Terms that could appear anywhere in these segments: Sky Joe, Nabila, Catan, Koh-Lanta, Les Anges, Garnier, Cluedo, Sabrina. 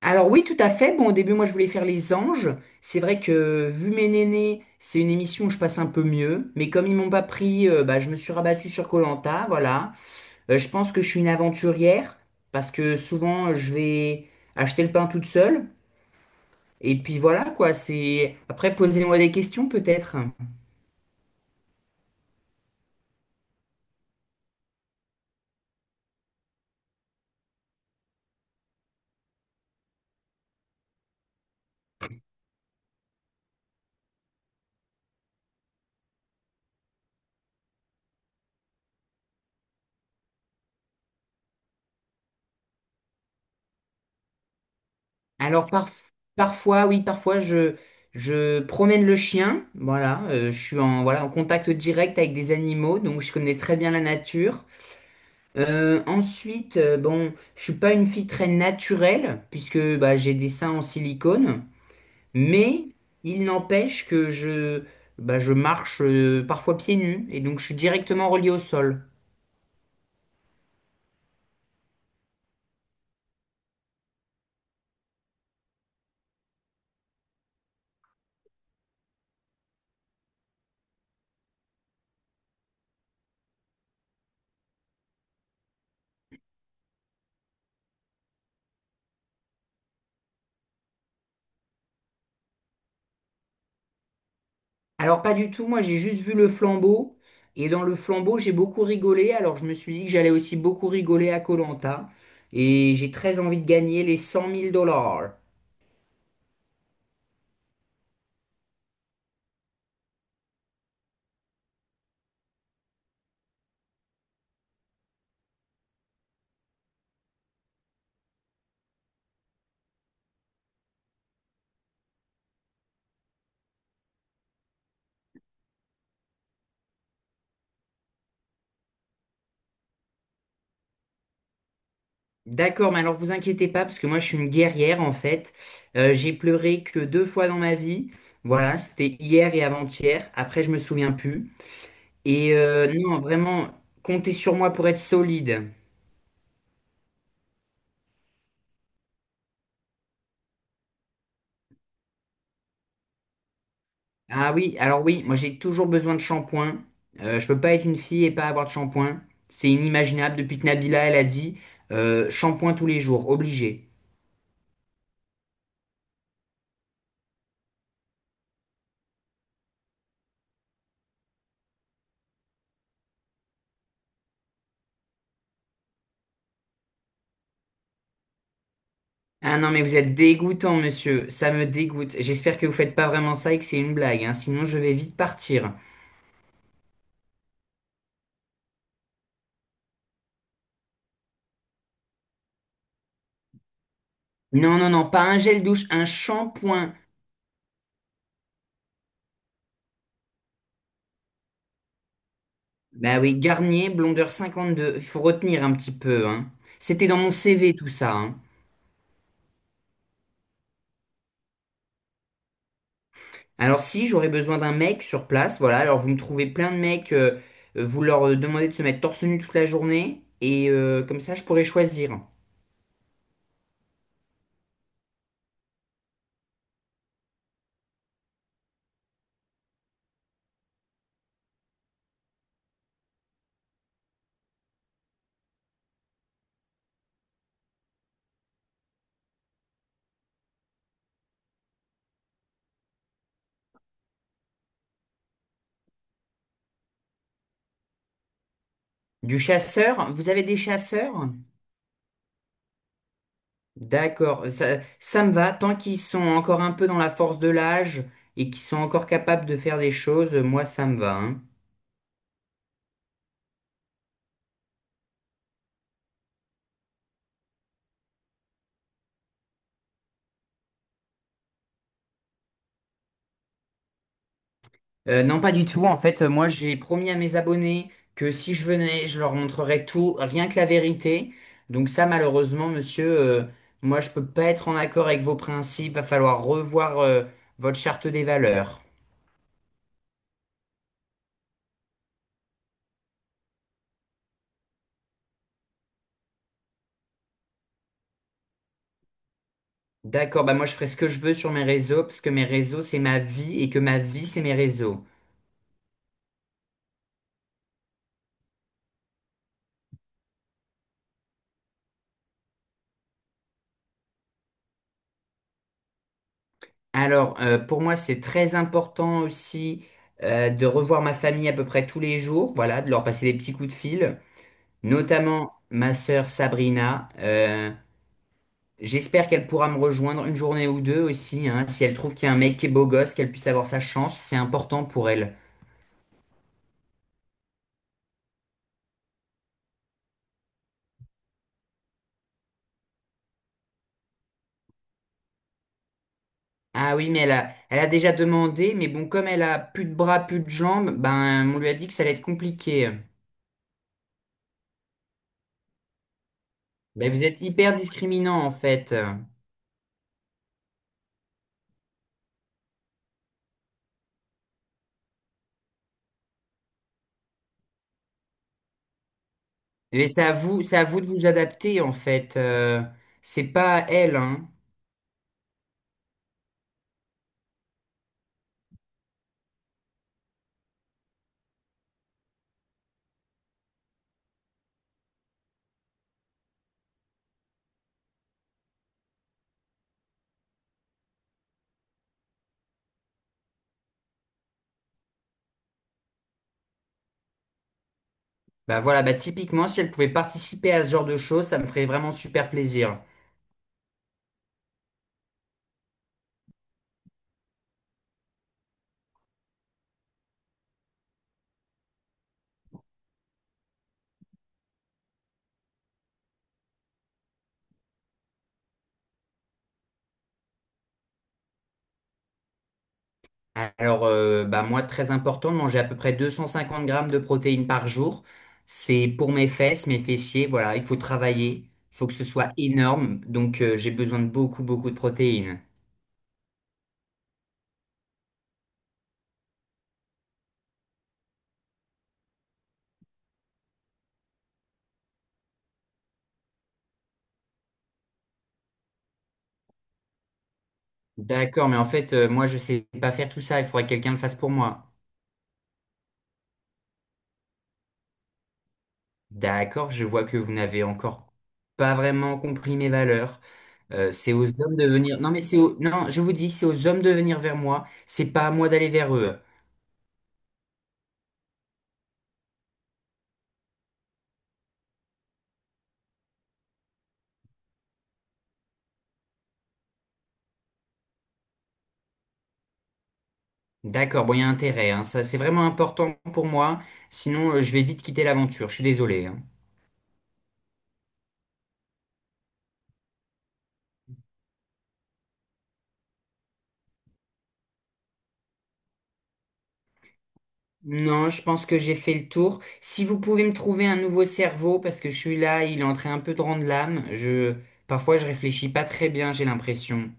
Alors oui, tout à fait. Bon, au début, moi, je voulais faire Les Anges. C'est vrai que, vu mes nénés, c'est une émission où je passe un peu mieux. Mais comme ils m'ont pas pris, bah, je me suis rabattue sur koh voilà. Je pense que je suis une aventurière, parce que souvent, je vais acheter le pain toute seule. Et puis voilà, quoi, c'est... Après, posez-moi des questions, peut-être. Alors, parf- Parfois, oui, je promène le chien. Voilà, je suis en, voilà, en contact direct avec des animaux, donc je connais très bien la nature. Bon, je suis pas une fille très naturelle, puisque bah, j'ai des seins en silicone, mais il n'empêche que je, bah, je marche parfois pieds nus, et donc je suis directement relié au sol. Alors pas du tout, moi j'ai juste vu le flambeau, et dans le flambeau j'ai beaucoup rigolé, alors je me suis dit que j'allais aussi beaucoup rigoler à koh, et j'ai très envie de gagner les 100 000 dollars. D'accord, mais alors vous inquiétez pas, parce que moi je suis une guerrière en fait. J'ai pleuré que deux fois dans ma vie. Voilà, c'était hier et avant-hier. Après, je me souviens plus. Et non, vraiment, comptez sur moi pour être solide. Ah oui, alors oui, moi j'ai toujours besoin de shampoing. Je peux pas être une fille et pas avoir de shampoing. C'est inimaginable depuis que Nabila elle a dit shampoing tous les jours, obligé. Ah non, mais vous êtes dégoûtant, monsieur. Ça me dégoûte. J'espère que vous faites pas vraiment ça et que c'est une blague, hein. Sinon je vais vite partir. Non, non, non, pas un gel douche, un shampoing. Bah oui, Garnier, blondeur 52. Il faut retenir un petit peu, hein. C'était dans mon CV tout ça, hein. Alors si j'aurais besoin d'un mec sur place, voilà, alors vous me trouvez plein de mecs, vous leur demandez de se mettre torse nu toute la journée, et comme ça je pourrais choisir. Du chasseur, vous avez des chasseurs? D'accord, ça me va, tant qu'ils sont encore un peu dans la force de l'âge et qu'ils sont encore capables de faire des choses, moi ça me va, hein. Non, pas du tout. En fait, moi, j'ai promis à mes abonnés que si je venais, je leur montrerais tout, rien que la vérité. Donc ça, malheureusement, monsieur, moi, je peux pas être en accord avec vos principes. Va falloir revoir, votre charte des valeurs. D'accord, bah moi, je ferai ce que je veux sur mes réseaux, parce que mes réseaux, c'est ma vie, et que ma vie, c'est mes réseaux. Alors, pour moi, c'est très important aussi, de revoir ma famille à peu près tous les jours, voilà, de leur passer des petits coups de fil, notamment ma sœur Sabrina. J'espère qu'elle pourra me rejoindre une journée ou deux aussi, hein, si elle trouve qu'il y a un mec qui est beau gosse, qu'elle puisse avoir sa chance, c'est important pour elle. Ah oui, mais elle a déjà demandé, mais bon, comme elle a plus de bras, plus de jambes, ben on lui a dit que ça allait être compliqué. Ben vous êtes hyper discriminant en fait. Et c'est à vous de vous adapter en fait. C'est pas à elle, hein. Ben voilà, bah typiquement, si elle pouvait participer à ce genre de choses, ça me ferait vraiment super plaisir. Alors, bah moi, très important de manger à peu près 250 grammes de protéines par jour. C'est pour mes fesses, mes fessiers, voilà, il faut travailler, il faut que ce soit énorme, donc j'ai besoin de beaucoup, beaucoup de protéines. D'accord, mais en fait, moi, je sais pas faire tout ça, il faudrait que quelqu'un le fasse pour moi. D'accord, je vois que vous n'avez encore pas vraiment compris mes valeurs. C'est aux hommes de venir. Non, mais c'est aux... Non, je vous dis, c'est aux hommes de venir vers moi, c'est pas à moi d'aller vers eux. D'accord, bon, il y a intérêt, hein. Ça, c'est vraiment important pour moi. Sinon, je vais vite quitter l'aventure. Je suis désolé, hein. Non, je pense que j'ai fait le tour. Si vous pouvez me trouver un nouveau cerveau, parce que je suis là, il est en train un peu de rendre l'âme. Parfois, je réfléchis pas très bien, j'ai l'impression.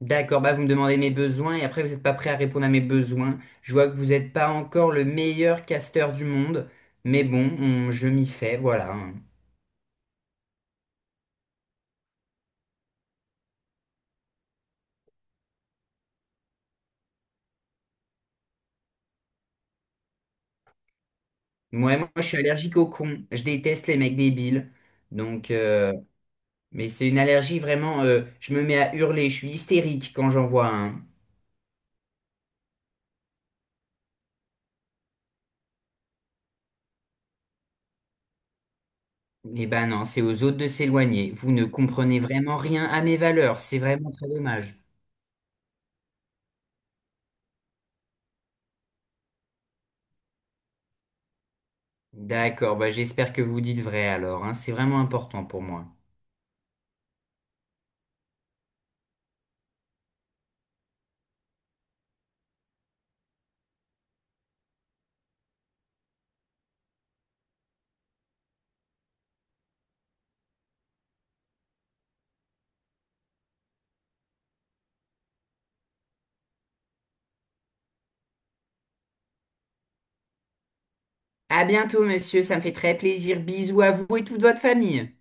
D'accord, bah vous me demandez mes besoins et après vous n'êtes pas prêt à répondre à mes besoins. Je vois que vous n'êtes pas encore le meilleur casteur du monde, mais bon, je m'y fais, voilà, hein. Moi, je suis allergique aux cons. Je déteste les mecs débiles. Donc, euh, Mais c'est une allergie vraiment, je me mets à hurler, je suis hystérique quand j'en vois un. Eh ben non, c'est aux autres de s'éloigner. Vous ne comprenez vraiment rien à mes valeurs, c'est vraiment très dommage. D'accord, bah j'espère que vous dites vrai alors, hein, c'est vraiment important pour moi. À bientôt, monsieur, ça me fait très plaisir. Bisous à vous et toute votre famille.